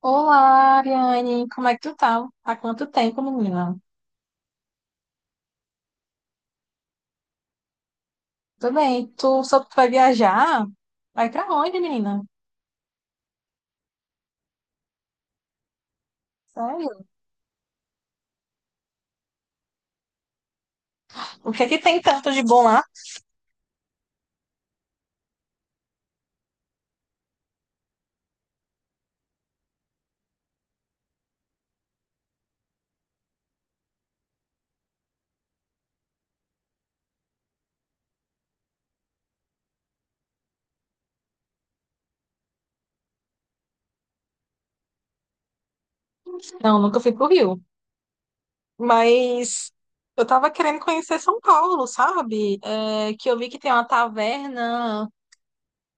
Olá, Ariane, como é que tu tá? Há quanto tempo, menina? Tudo bem, tu soube que vai viajar? Vai pra onde, menina? Sério? O que é que tem tanto de bom lá? Não, nunca fui pro Rio, mas eu tava querendo conhecer São Paulo, sabe? Que eu vi que tem uma taverna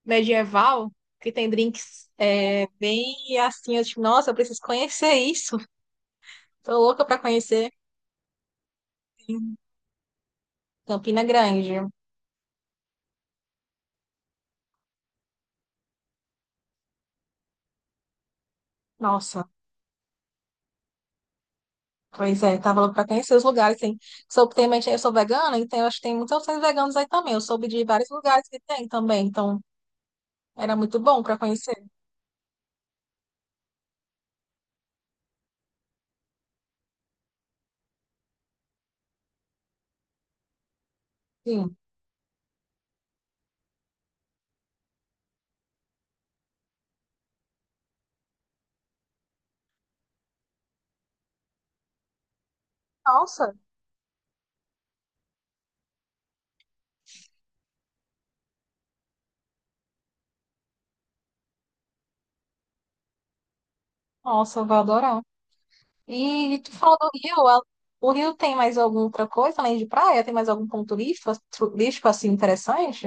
medieval, que tem drinks bem assim, eu tipo, nossa, eu preciso conhecer isso, tô louca pra conhecer Campina Grande. Nossa. Pois é, tá falando pra conhecer os lugares, tem. Soube, tem, mas eu sou vegana, então eu acho que tem muitas opções veganas aí também. Eu soube de vários lugares que tem também, então era muito bom pra conhecer. Sim. Nossa, Nossa, eu vou adorar. E tu falou do Rio, o Rio tem mais alguma outra coisa além de praia? Tem mais algum ponto turístico, turístico assim interessante?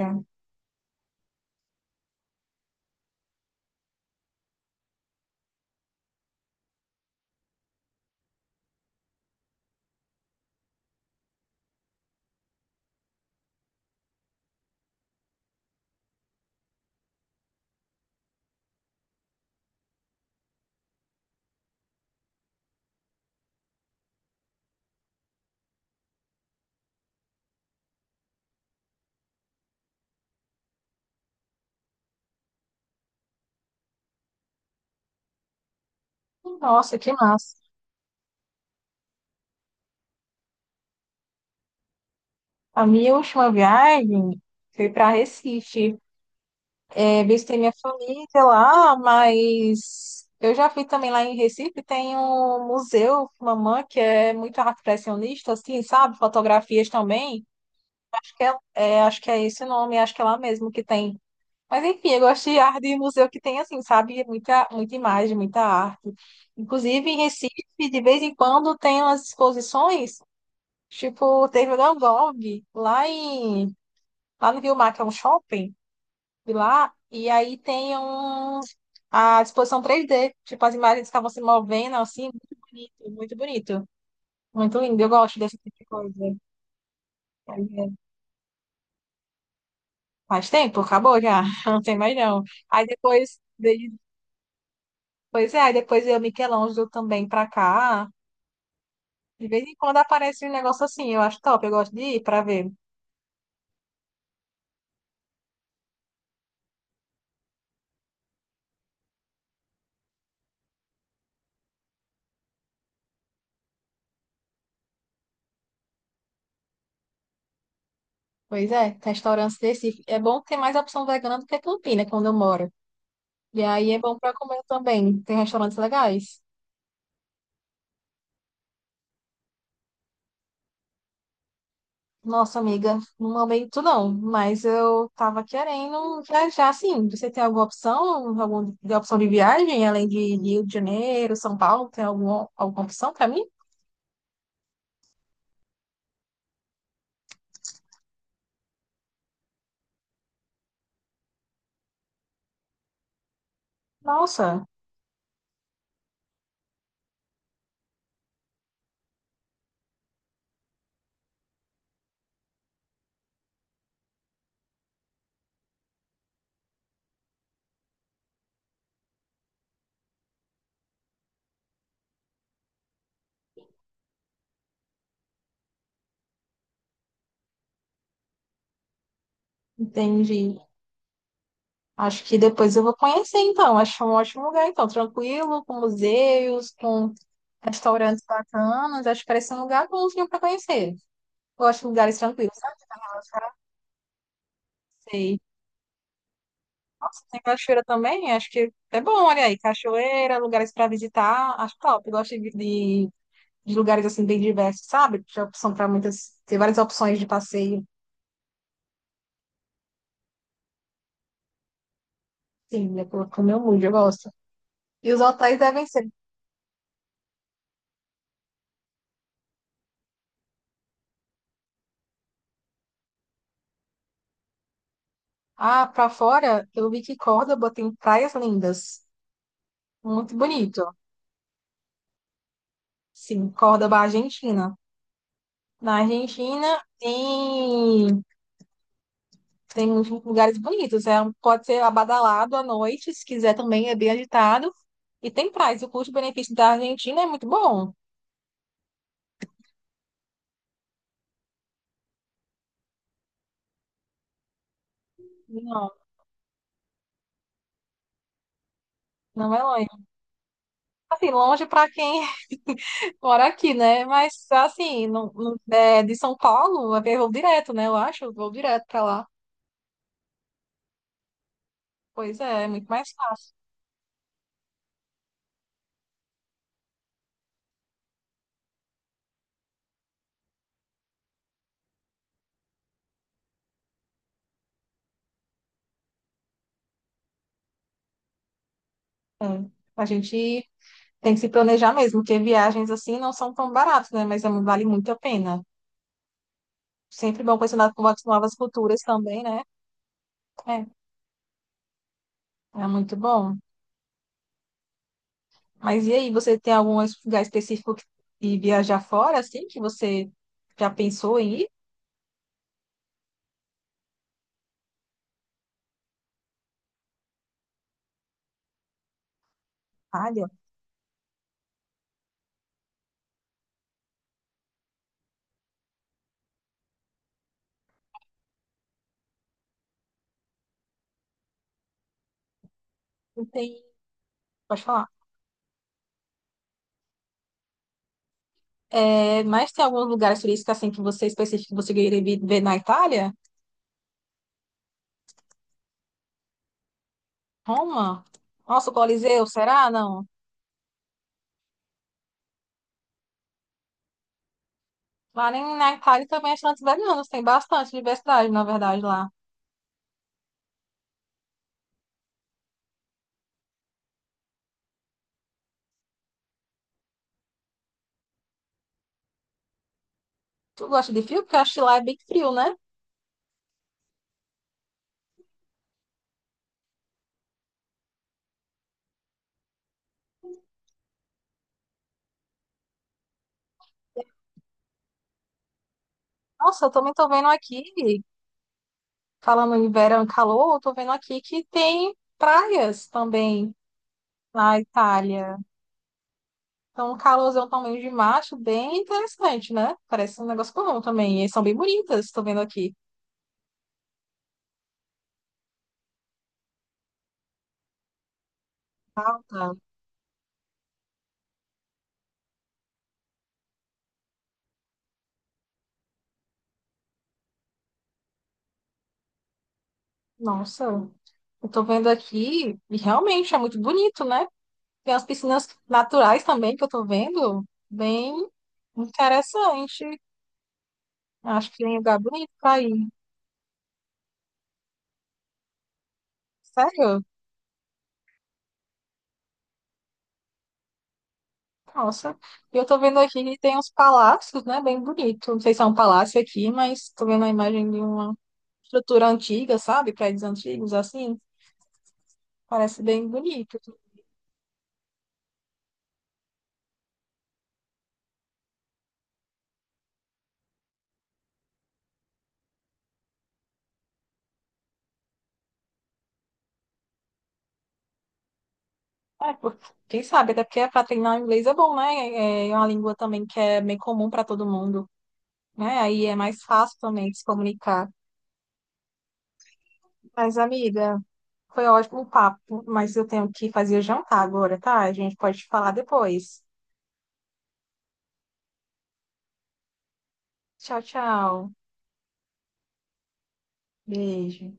Nossa, que massa. A minha última viagem foi para Recife. Revista tem minha família lá, mas eu já fui também lá em Recife, tem um museu, mamã que é muito arte impressionista, assim, sabe? Fotografias também. Acho que acho que é esse o nome, acho que é lá mesmo que tem. Mas enfim, eu gosto de arte de museu que tem, assim, sabe? Muita imagem, muita arte. Inclusive em Recife, de vez em quando, tem umas exposições, tipo, teve o Van Gogh, lá em, lá no Rio Mar, que é um shopping lá, e aí tem um, a disposição 3D, tipo, as imagens estavam se movendo, assim, muito bonito. Muito lindo, eu gosto desse tipo de coisa. Aí, é, Faz tempo, acabou já, não tem mais não. Aí depois, de- Pois é, aí depois eu Michelangelo também pra cá. De vez em quando aparece um negócio assim, eu acho top, eu gosto de ir pra ver. Pois é, restaurantes desse. É bom ter mais opção vegana do que Campina, quando eu moro. E aí é bom pra comer também, tem restaurantes legais. Nossa, amiga, no momento não, mas eu tava querendo viajar, assim, você tem alguma opção, alguma de opção de viagem, além de Rio de Janeiro, São Paulo, tem alguma opção para mim? Nossa, entendi. Acho que depois eu vou conhecer, então, acho um ótimo lugar, então, tranquilo, com museus, com restaurantes bacanas, acho que parece um lugar bonzinho para conhecer. Eu gosto de lugares tranquilos, sabe? Sei. Nossa, tem cachoeira também? Acho que é bom, olha aí. Cachoeira, lugares para visitar, acho top. Eu gosto de lugares assim bem diversos, sabe? Tem opção para muitas, tem várias opções de passeio. Sim, é pro meu mood, eu gosto. E os hotéis devem ser. Ah, para fora, eu vi que Córdoba tem praias lindas. Muito bonito. Sim, Córdoba, Argentina. Na Argentina tem. Tem uns lugares bonitos. Pode ser abadalado à noite, se quiser também, é bem agitado. E tem praias. O custo-benefício da Argentina é muito bom. Não, não é longe. Assim, longe para quem mora aqui, né? Mas, assim, de São Paulo, é voo direto, né? Eu acho, voo direto para lá. Pois é, é muito mais fácil. Né? A gente tem que se planejar mesmo, porque viagens assim não são tão baratas, né? Mas vale muito a pena. Sempre bom conhecer novas culturas também, né? É, é muito bom. Mas e aí, você tem algum lugar específico de viajar fora, assim, que você já pensou em ir? Itália? Não tem, pode falar. É, mas tem alguns lugares turísticos, assim, que você específico que você queria ver na Itália? Roma? Nossa, o Coliseu, será? Não. Lá nem na Itália também é tantos italianos, tem bastante diversidade, na verdade, lá. Tu gosta de frio? Porque eu acho que lá é bem frio, né? Nossa, eu também tô vendo aqui, falando em verão e calor, eu tô vendo aqui que tem praias também na Itália. Então, um calorzão também de macho, bem interessante, né? Parece um negócio comum também. E são bem bonitas, estou vendo aqui. Tá. Nossa, eu tô vendo aqui e realmente é muito bonito, né? Tem as piscinas naturais também que eu tô vendo, bem interessante. Acho que tem um lugar bonito pra ir. Sério? Nossa. E eu tô vendo aqui que tem uns palácios, né? Bem bonito. Não sei se é um palácio aqui, mas tô vendo a imagem de uma estrutura antiga, sabe? Prédios antigos, assim. Parece bem bonito. É, por- Quem sabe, até porque para treinar o inglês é bom, né? É é uma língua também que é bem comum para todo mundo, né? Aí é mais fácil também de se comunicar. Mas, amiga, foi ótimo o papo, mas eu tenho que fazer jantar agora, tá? A gente pode falar depois. Tchau, tchau. Beijo.